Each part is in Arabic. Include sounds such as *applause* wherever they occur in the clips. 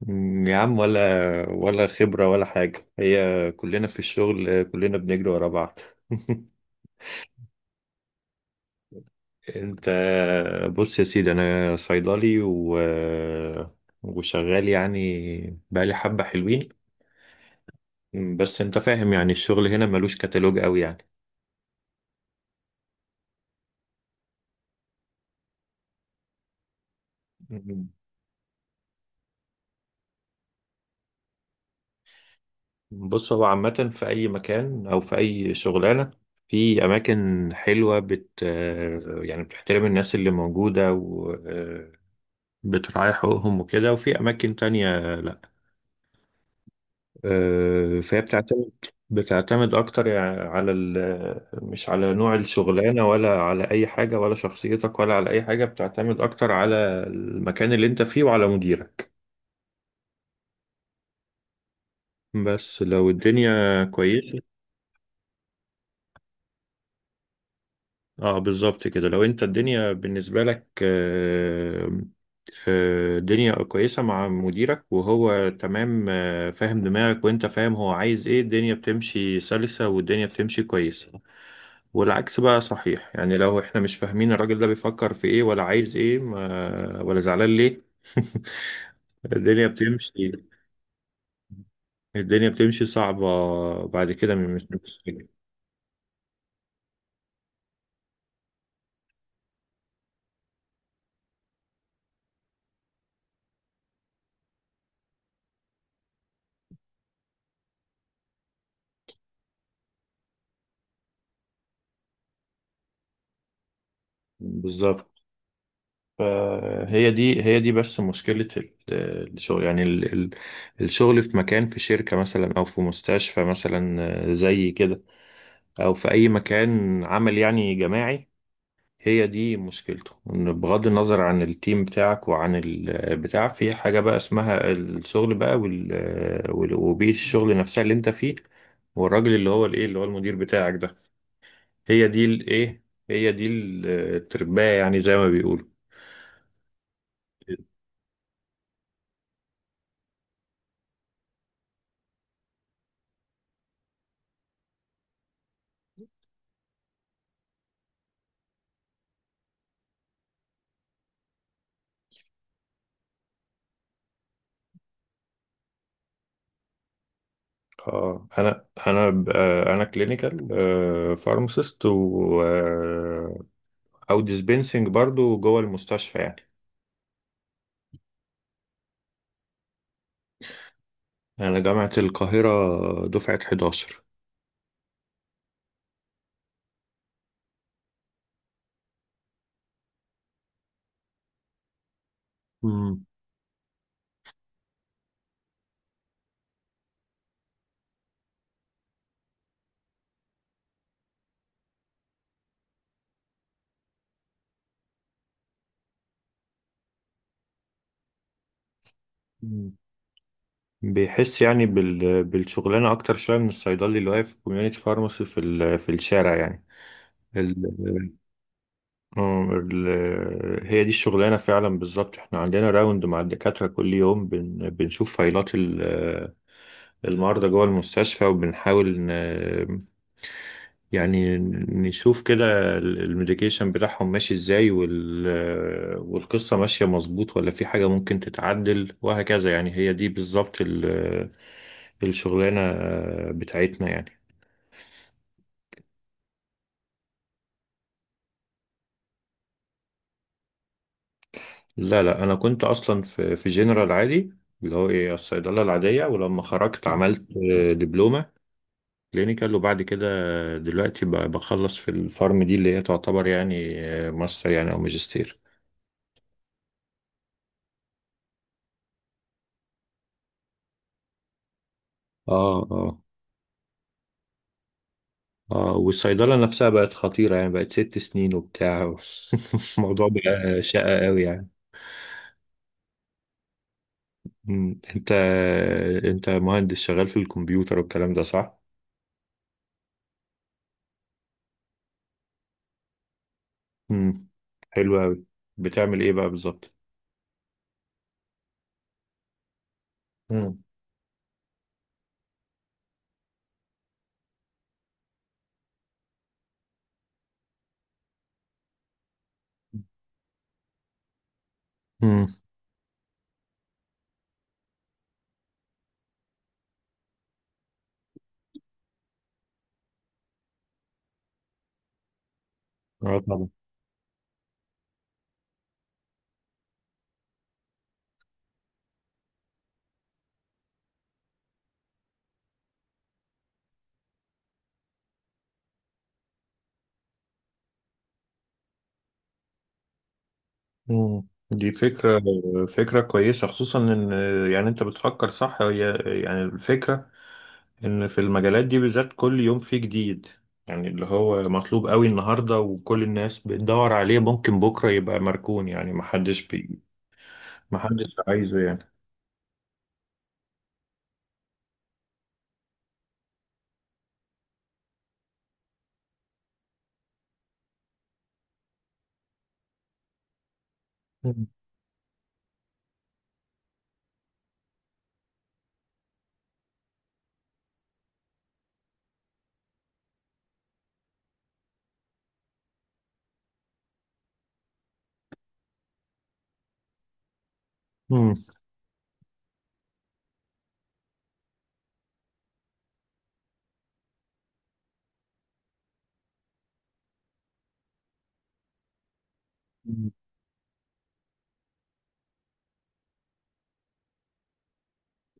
مم، يا عم، ولا خبرة ولا حاجة. هي كلنا في الشغل، كلنا بنجري ورا بعض. *laughs* انت بص يا سيدي، انا صيدلي و... وشغال يعني بقالي حبة حلوين. بس انت فاهم، يعني الشغل هنا ملوش كتالوج قوي يعني. مم. بص، هو عامة في أي مكان أو في أي شغلانة، في أماكن حلوة يعني بتحترم الناس اللي موجودة، بتريح حقوقهم وكده، وفي أماكن تانية لأ. فهي بتعتمد أكتر يعني على مش على نوع الشغلانة، ولا على أي حاجة، ولا شخصيتك، ولا على أي حاجة. بتعتمد أكتر على المكان اللي أنت فيه وعلى مديرك، بس لو الدنيا كويسة. اه، بالظبط كده. لو انت الدنيا بالنسبة لك الدنيا كويسة مع مديرك وهو تمام، فاهم دماغك وانت فاهم هو عايز ايه، الدنيا بتمشي سلسة والدنيا بتمشي كويسة. والعكس بقى صحيح، يعني لو احنا مش فاهمين الراجل ده بيفكر في ايه، ولا عايز ايه، ما ولا زعلان ليه *laughs* الدنيا بتمشي الدنيا بتمشي صعبة بعد كده. مش- بالظبط. فهي دي، هي دي بس مشكلة الشغل يعني، الشغل في مكان، في شركة مثلا أو في مستشفى مثلا زي كده، أو في أي مكان عمل يعني جماعي. هي دي مشكلته، إن بغض النظر عن التيم بتاعك وعن البتاع، في حاجة بقى اسمها الشغل بقى وبيئة الشغل نفسها اللي أنت فيه، والراجل اللي هو الإيه، اللي هو المدير بتاعك ده. هي دي الإيه، هي دي الترباية يعني زي ما بيقولوا. اه، انا كلينيكال فارماسيست و آه، او ديسبنسنج برضو جوه المستشفى يعني. انا جامعة القاهرة دفعة 11. امم امم بيحس يعني بالشغلانة أكتر شوية من الصيدلي اللي واقف في كوميونيتي فارماسي في في الشارع يعني. ال... هي دي الشغلانة فعلا بالظبط. احنا عندنا راوند مع الدكاترة كل يوم، بنشوف فايلات المرضى جوه المستشفى، وبنحاول يعني نشوف كده الميديكيشن بتاعهم ماشي ازاي والقصة ماشية مظبوط ولا في حاجة ممكن تتعدل وهكذا يعني. هي دي بالظبط الشغلانة بتاعتنا يعني. لا لا، أنا كنت أصلا في جنرال عادي، اللي هو إيه الصيدلة العادية، ولما خرجت عملت دبلومة كلينيكال، وبعد كده دلوقتي بخلص في الفارم دي اللي هي تعتبر يعني ماستر يعني أو ماجستير. اه، اه، اه، والصيدلة نفسها بقت خطيرة يعني، بقت ست سنين وبتاع. *laughs* الموضوع بقى شقة قوي يعني. مم. انت مهندس شغال في الكمبيوتر والكلام ده، صح؟ مم. حلو قوي. بتعمل ايه بقى بالظبط؟ مم. امم. اه طبعا. مم. دي فكرة، فكرة كويسة، خصوصا ان، يعني انت بتفكر صح. هي يعني الفكرة، ان في المجالات دي بالذات كل يوم فيه جديد، يعني اللي هو مطلوب قوي النهارده وكل الناس بتدور عليه ممكن بكره يبقى مركون، يعني محدش محدش عايزه يعني. امم.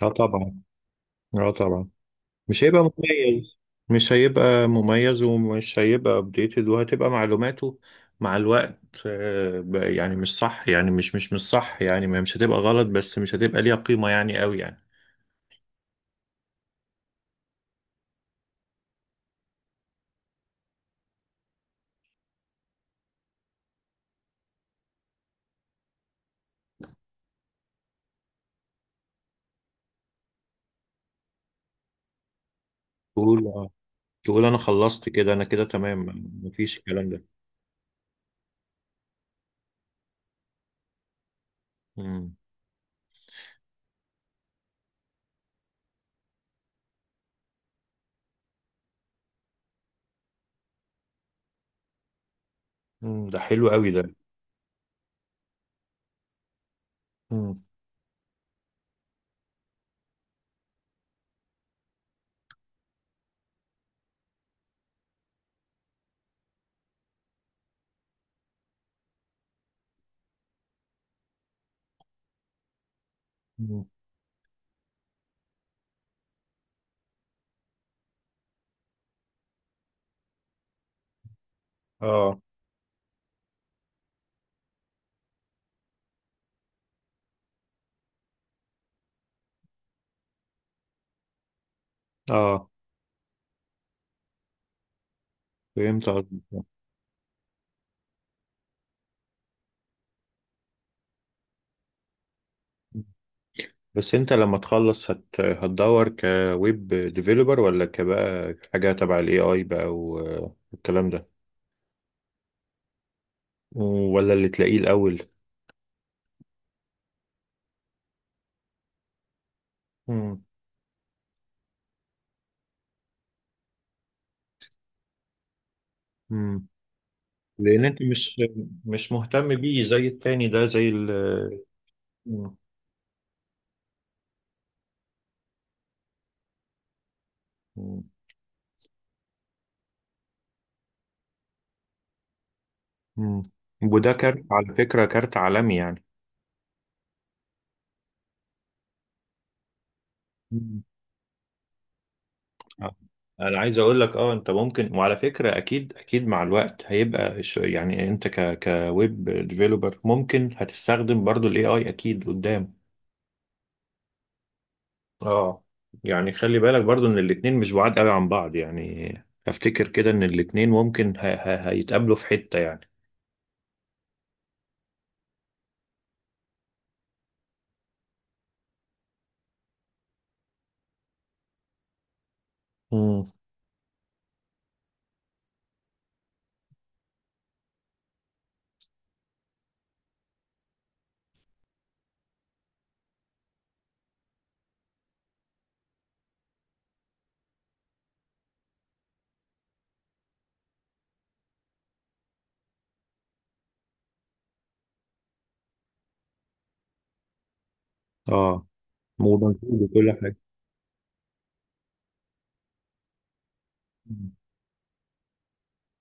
اه طبعا. اه طبعا. مش هيبقى مميز. مش هيبقى مميز، ومش هيبقى ابديتد، وهتبقى معلوماته مع الوقت بقى يعني مش صح يعني، مش صح يعني، مش هتبقى غلط، بس مش هتبقى ليها قيمة يعني قوي يعني. قول، تقول انا خلصت كده، انا كده تمام. مفيش الكلام ده. مم. مم. ده حلو قوي ده. مم. مم. اه. اه فهمت قصدك. مم. بس انت لما تخلص هتدور كويب ديفيلوبر، ولا كبقى حاجة تبع الاي اي بقى والكلام ده؟ ولا اللي تلاقيه الاول؟ مم. مم. لان انت مش، مهتم بيه زي التاني ده، زي ال. مم. مم. وده كارت على فكرة، كارت عالمي يعني. آه. انا عايز اقول لك، اه انت ممكن، وعلى فكره اكيد اكيد مع الوقت هيبقى الش-، يعني انت ك كويب ديفيلوبر ممكن هتستخدم برضو الاي اي اكيد قدام. اه، يعني خلي بالك برضو ان الاتنين مش بعاد قوي عن بعض، يعني افتكر كده ان الاتنين ممكن هيتقابلوا في حته يعني. امم. اه وبنفيذ وكل حاجه. مم.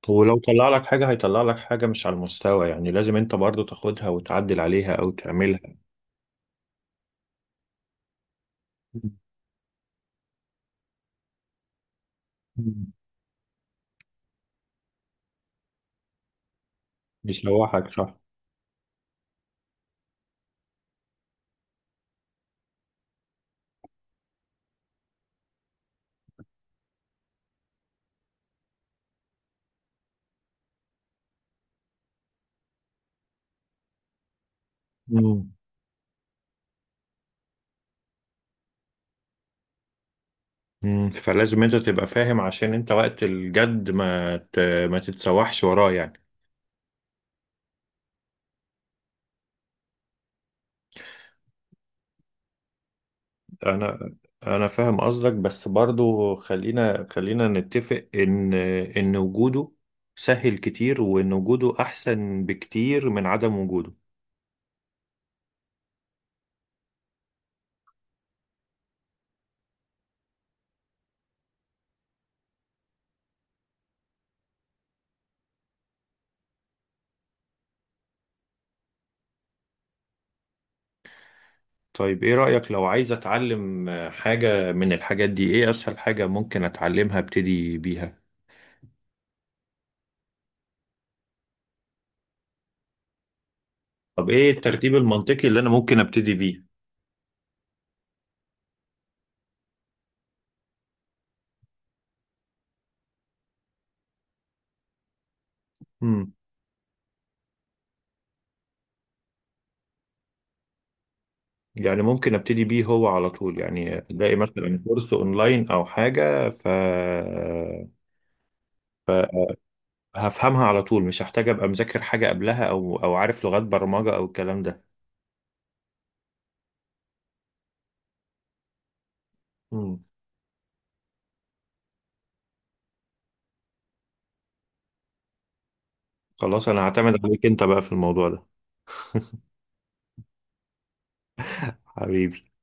ولو طلع لك حاجه، هيطلع لك حاجه مش على المستوى يعني، لازم انت برضو تاخدها وتعدل عليها او تعملها. مم. يسوحك صح. مم. مم. فلازم انت تبقى فاهم عشان انت وقت الجد ما ما تتسوحش وراه يعني. انا انا فاهم قصدك، بس برضو خلينا خلينا نتفق ان، وجوده سهل كتير، وان وجوده احسن بكتير من عدم وجوده. طيب، ايه رأيك لو عايز اتعلم حاجة من الحاجات دي؟ ايه اسهل حاجة ممكن اتعلمها ابتدي بيها؟ طب ايه الترتيب المنطقي اللي انا ممكن ابتدي بيه؟ يعني ممكن ابتدي بيه هو على طول، يعني الاقي مثلا كورس اونلاين او حاجه ف هفهمها على طول، مش هحتاج ابقى مذاكر حاجه قبلها او او عارف لغات برمجه او الكلام ده؟ مم. خلاص، انا هعتمد عليك انت بقى في الموضوع ده. حبيبي.